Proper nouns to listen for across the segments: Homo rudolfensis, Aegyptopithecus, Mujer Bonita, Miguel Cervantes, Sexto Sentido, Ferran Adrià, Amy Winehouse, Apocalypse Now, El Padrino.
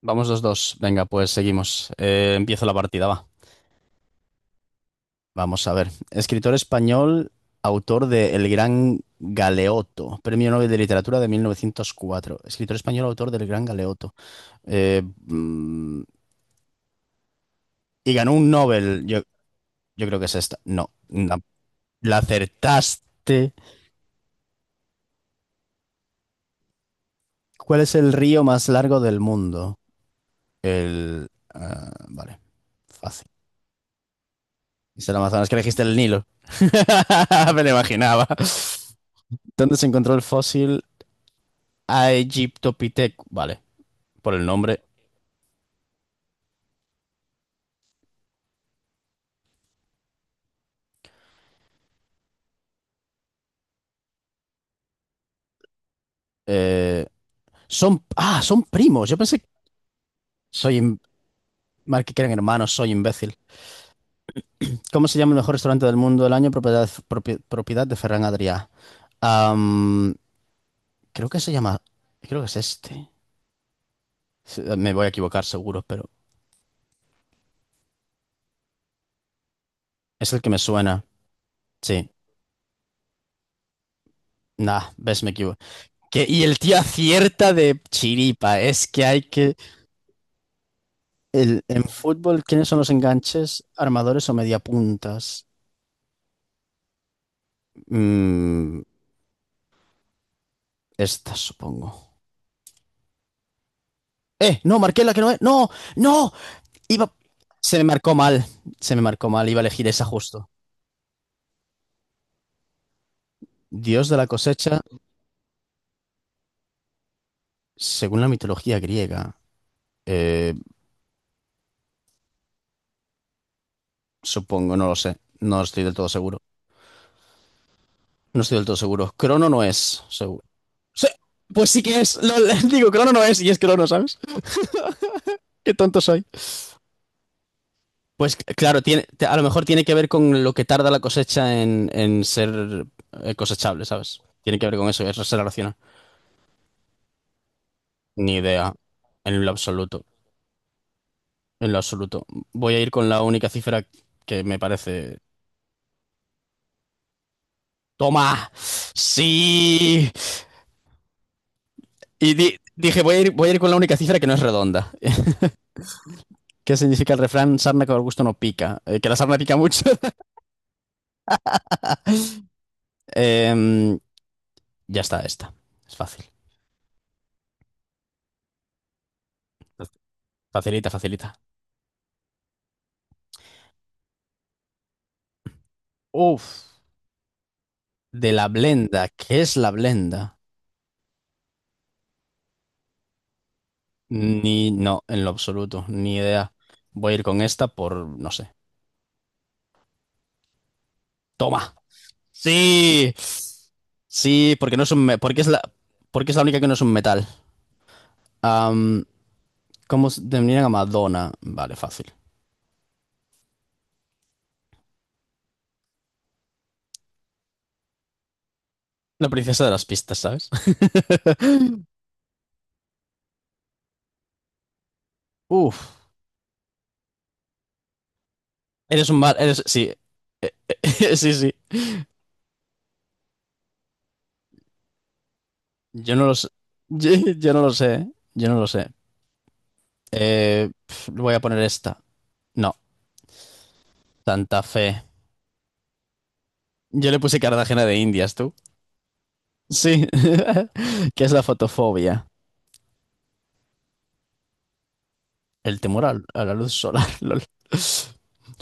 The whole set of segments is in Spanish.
Vamos dos, dos. Venga, pues seguimos. Empiezo la partida, va. Vamos a ver. Escritor español, autor de El Gran Galeoto, Premio Nobel de Literatura de 1904. Escritor español, autor del Gran Galeoto. Eh, mm, y ganó un Nobel. Yo creo que es esta. No, no. La acertaste. ¿Cuál es el río más largo del mundo? El... ah, vale, fácil. Es el Amazonas, que elegiste el Nilo. Me lo imaginaba. ¿Dónde se encontró el fósil Aegyptopithecus? Vale, por el nombre. Eh, son primos. Yo pensé que soy im- mal que eran hermanos, soy imbécil. ¿Cómo se llama el mejor restaurante del mundo del año? Propiedad de Ferran Adrià. Am, creo que se llama. Creo que es este. Sí, me voy a equivocar seguro, pero es el que me suena. Sí. Nah, ves, me equivoco. Y el tío acierta de chiripa. Es que hay que. En fútbol, ¿quiénes son los enganches, armadores o mediapuntas? Mm, esta, supongo. ¡Eh! No, marqué la que no es. ¡No! ¡No! Iba. Se me marcó mal. Se me marcó mal. Iba a elegir esa justo. Dios de la cosecha, según la mitología griega. Eh, supongo, no lo sé. No estoy del todo seguro. No estoy del todo seguro. Crono no es, seguro. Sí, pues sí que es. LOL, digo, Crono no es y es Crono, ¿sabes? Qué tonto soy. Pues claro, a lo mejor tiene que ver con lo que tarda la cosecha en ser cosechable, ¿sabes? Tiene que ver con eso, eso se relaciona. Ni idea, en lo absoluto, en lo absoluto. Voy a ir con la única cifra que me parece... ¡Toma! ¡Sí! Y dije, voy a ir con la única cifra que no es redonda. ¿Qué significa el refrán? Sarna con gusto no pica. Que la sarna pica mucho. Em, ya está, esta. Es fácil. Facilita, facilita. Uf. De la blenda, ¿qué es la blenda? Ni, no, en lo absoluto, ni idea. Voy a ir con esta por, no sé. ¡Toma! ¡Sí! Sí, porque no es un, me- porque es la única que no es un metal. Am, ¿cómo se denominan a Madonna? Vale, fácil. La princesa de las pistas, ¿sabes? Uf. Eres un mal, eres, sí. Sí, sí. Yo no lo sé. Yo, yo no lo sé. ¿Eh? Yo no lo sé. Voy a poner esta. No. Santa Fe. Yo le puse Cartagena de Indias, ¿tú? Sí. ¿Qué es la fotofobia? El temor a la luz solar. lol.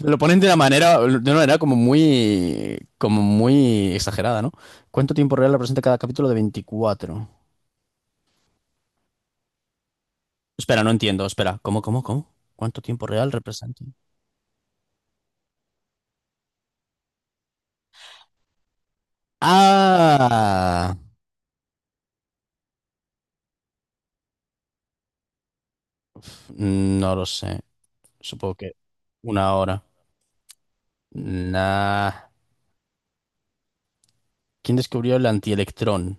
Lo ponen de una manera como muy exagerada, ¿no? ¿Cuánto tiempo real representa cada capítulo de 24? Espera, no entiendo. Espera, ¿cómo, cómo, cómo? ¿Cuánto tiempo real representa? Ah, no lo sé. Supongo que una hora. Nah. ¿Quién descubrió el antielectrón?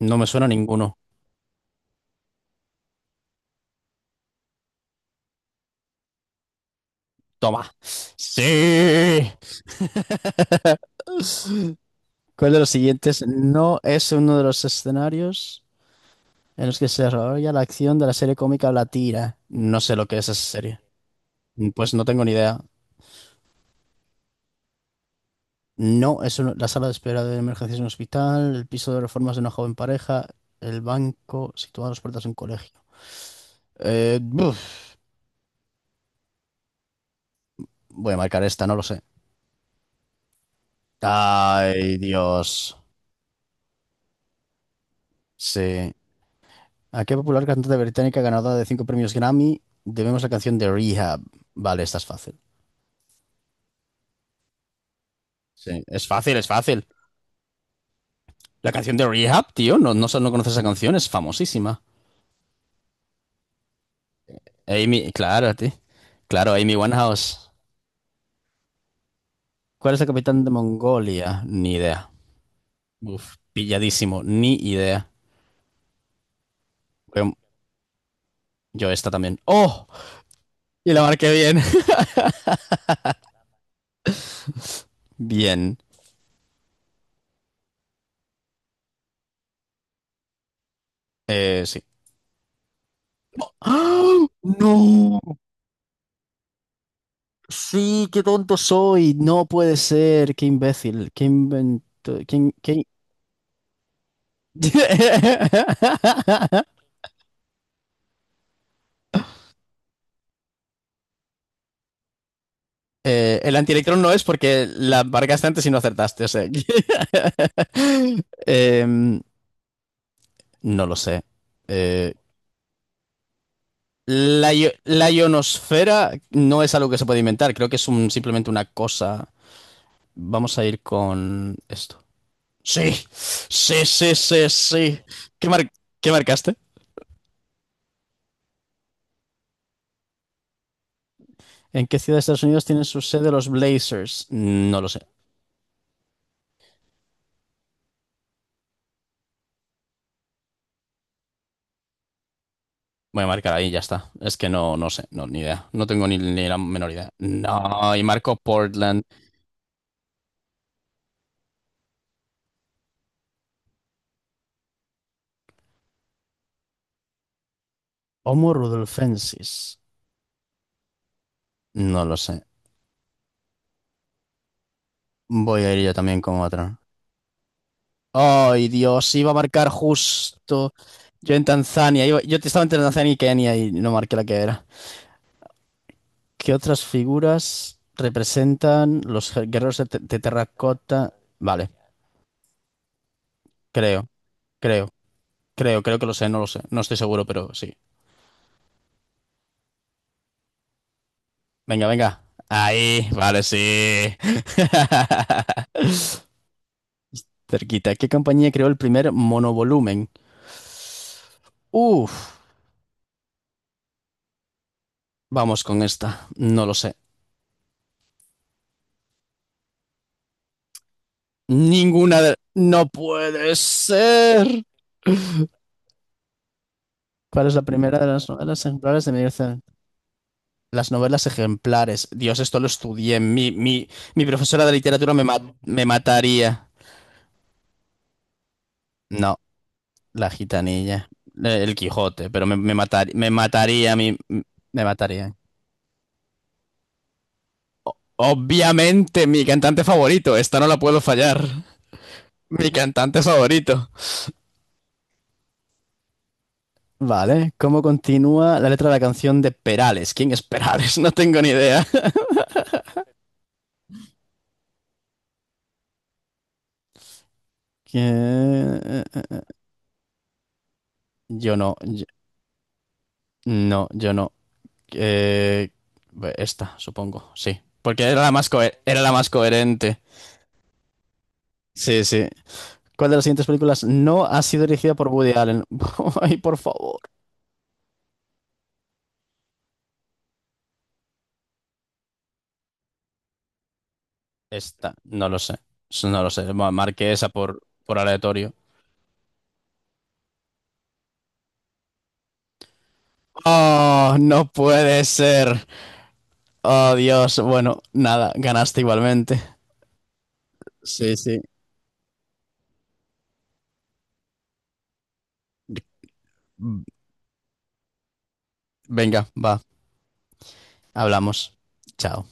No me suena a ninguno. Toma. Sí. ¿Cuál de los siguientes no es uno de los escenarios en los que se desarrolla la acción de la serie cómica La Tira? No sé lo que es esa serie. Pues no tengo ni idea. No, la sala de espera de emergencias en un hospital, el piso de reformas de una joven pareja, el banco situado a las puertas de un colegio. Buf. Voy a marcar esta, no lo sé. Ay, Dios. Sí. ¿A qué popular cantante británica ganadora de cinco premios Grammy debemos la canción de Rehab? Vale, esta es fácil. Sí, es fácil, es fácil. La canción de Rehab, tío, no, no, no conoces esa canción, es famosísima. Amy, claro, tío. Claro, Amy Winehouse. ¿Cuál es el capitán de Mongolia? Ni idea. Uf, pilladísimo, ni idea. Yo yo esta también. ¡Oh! Y la marqué bien. Bien. Sí. ¡Ah! ¡No! Sí, qué tonto soy. No puede ser. Qué imbécil. Qué invento. El antielectrón no es porque la marcaste antes y no acertaste. O sea. Em, no lo sé. Eh, la ionosfera no es algo que se puede inventar. Creo que simplemente una cosa. Vamos a ir con esto. Sí, sí, sí, sí, sí. ¿Qué mar- qué marcaste? ¿En qué ciudad de Estados Unidos tienen su sede los Blazers? No lo sé. Voy a marcar ahí, ya está. Es que no sé, no, ni idea. No tengo ni la menor idea. No, y marco Portland. Homo rudolfensis. No lo sé. Voy a ir yo también con otra. Ay, Dios, iba a marcar justo. Yo en Tanzania. Yo estaba entre Tanzania y Kenia y no marqué la que era. ¿Qué otras figuras representan los guerreros de terracota? Vale, creo, creo. Creo, creo que lo sé. No estoy seguro, pero sí. Venga, venga. Ahí, vale, sí. Cerquita. ¿Qué compañía creó el primer monovolumen? Uf, vamos con esta. No lo sé. No puede ser. ¿Cuál es la primera de las novelas ejemplares de Miguel Cervantes? Las novelas ejemplares. Dios, esto lo estudié. Mi profesora de literatura me mataría. No. La gitanilla. El Quijote, pero me mataría, a mí me mataría. Obviamente, mi cantante favorito. Esta no la puedo fallar. Mi cantante favorito. Vale, ¿cómo continúa la letra de la canción de Perales? ¿Quién es Perales? No tengo ni idea. Que- Yo no, no, yo no. Eh, Esta, supongo, sí. Porque era la más coherente. Sí, sí. ¿Cuál de las siguientes películas no ha sido dirigida por Woody Allen? Ay, por favor. Esta, no lo sé. Eso. No lo sé. Marqué esa por aleatorio. Oh, no puede ser. Oh, Dios. Bueno, nada, ganaste igualmente. Sí, sí. Venga, va. Hablamos. Chao.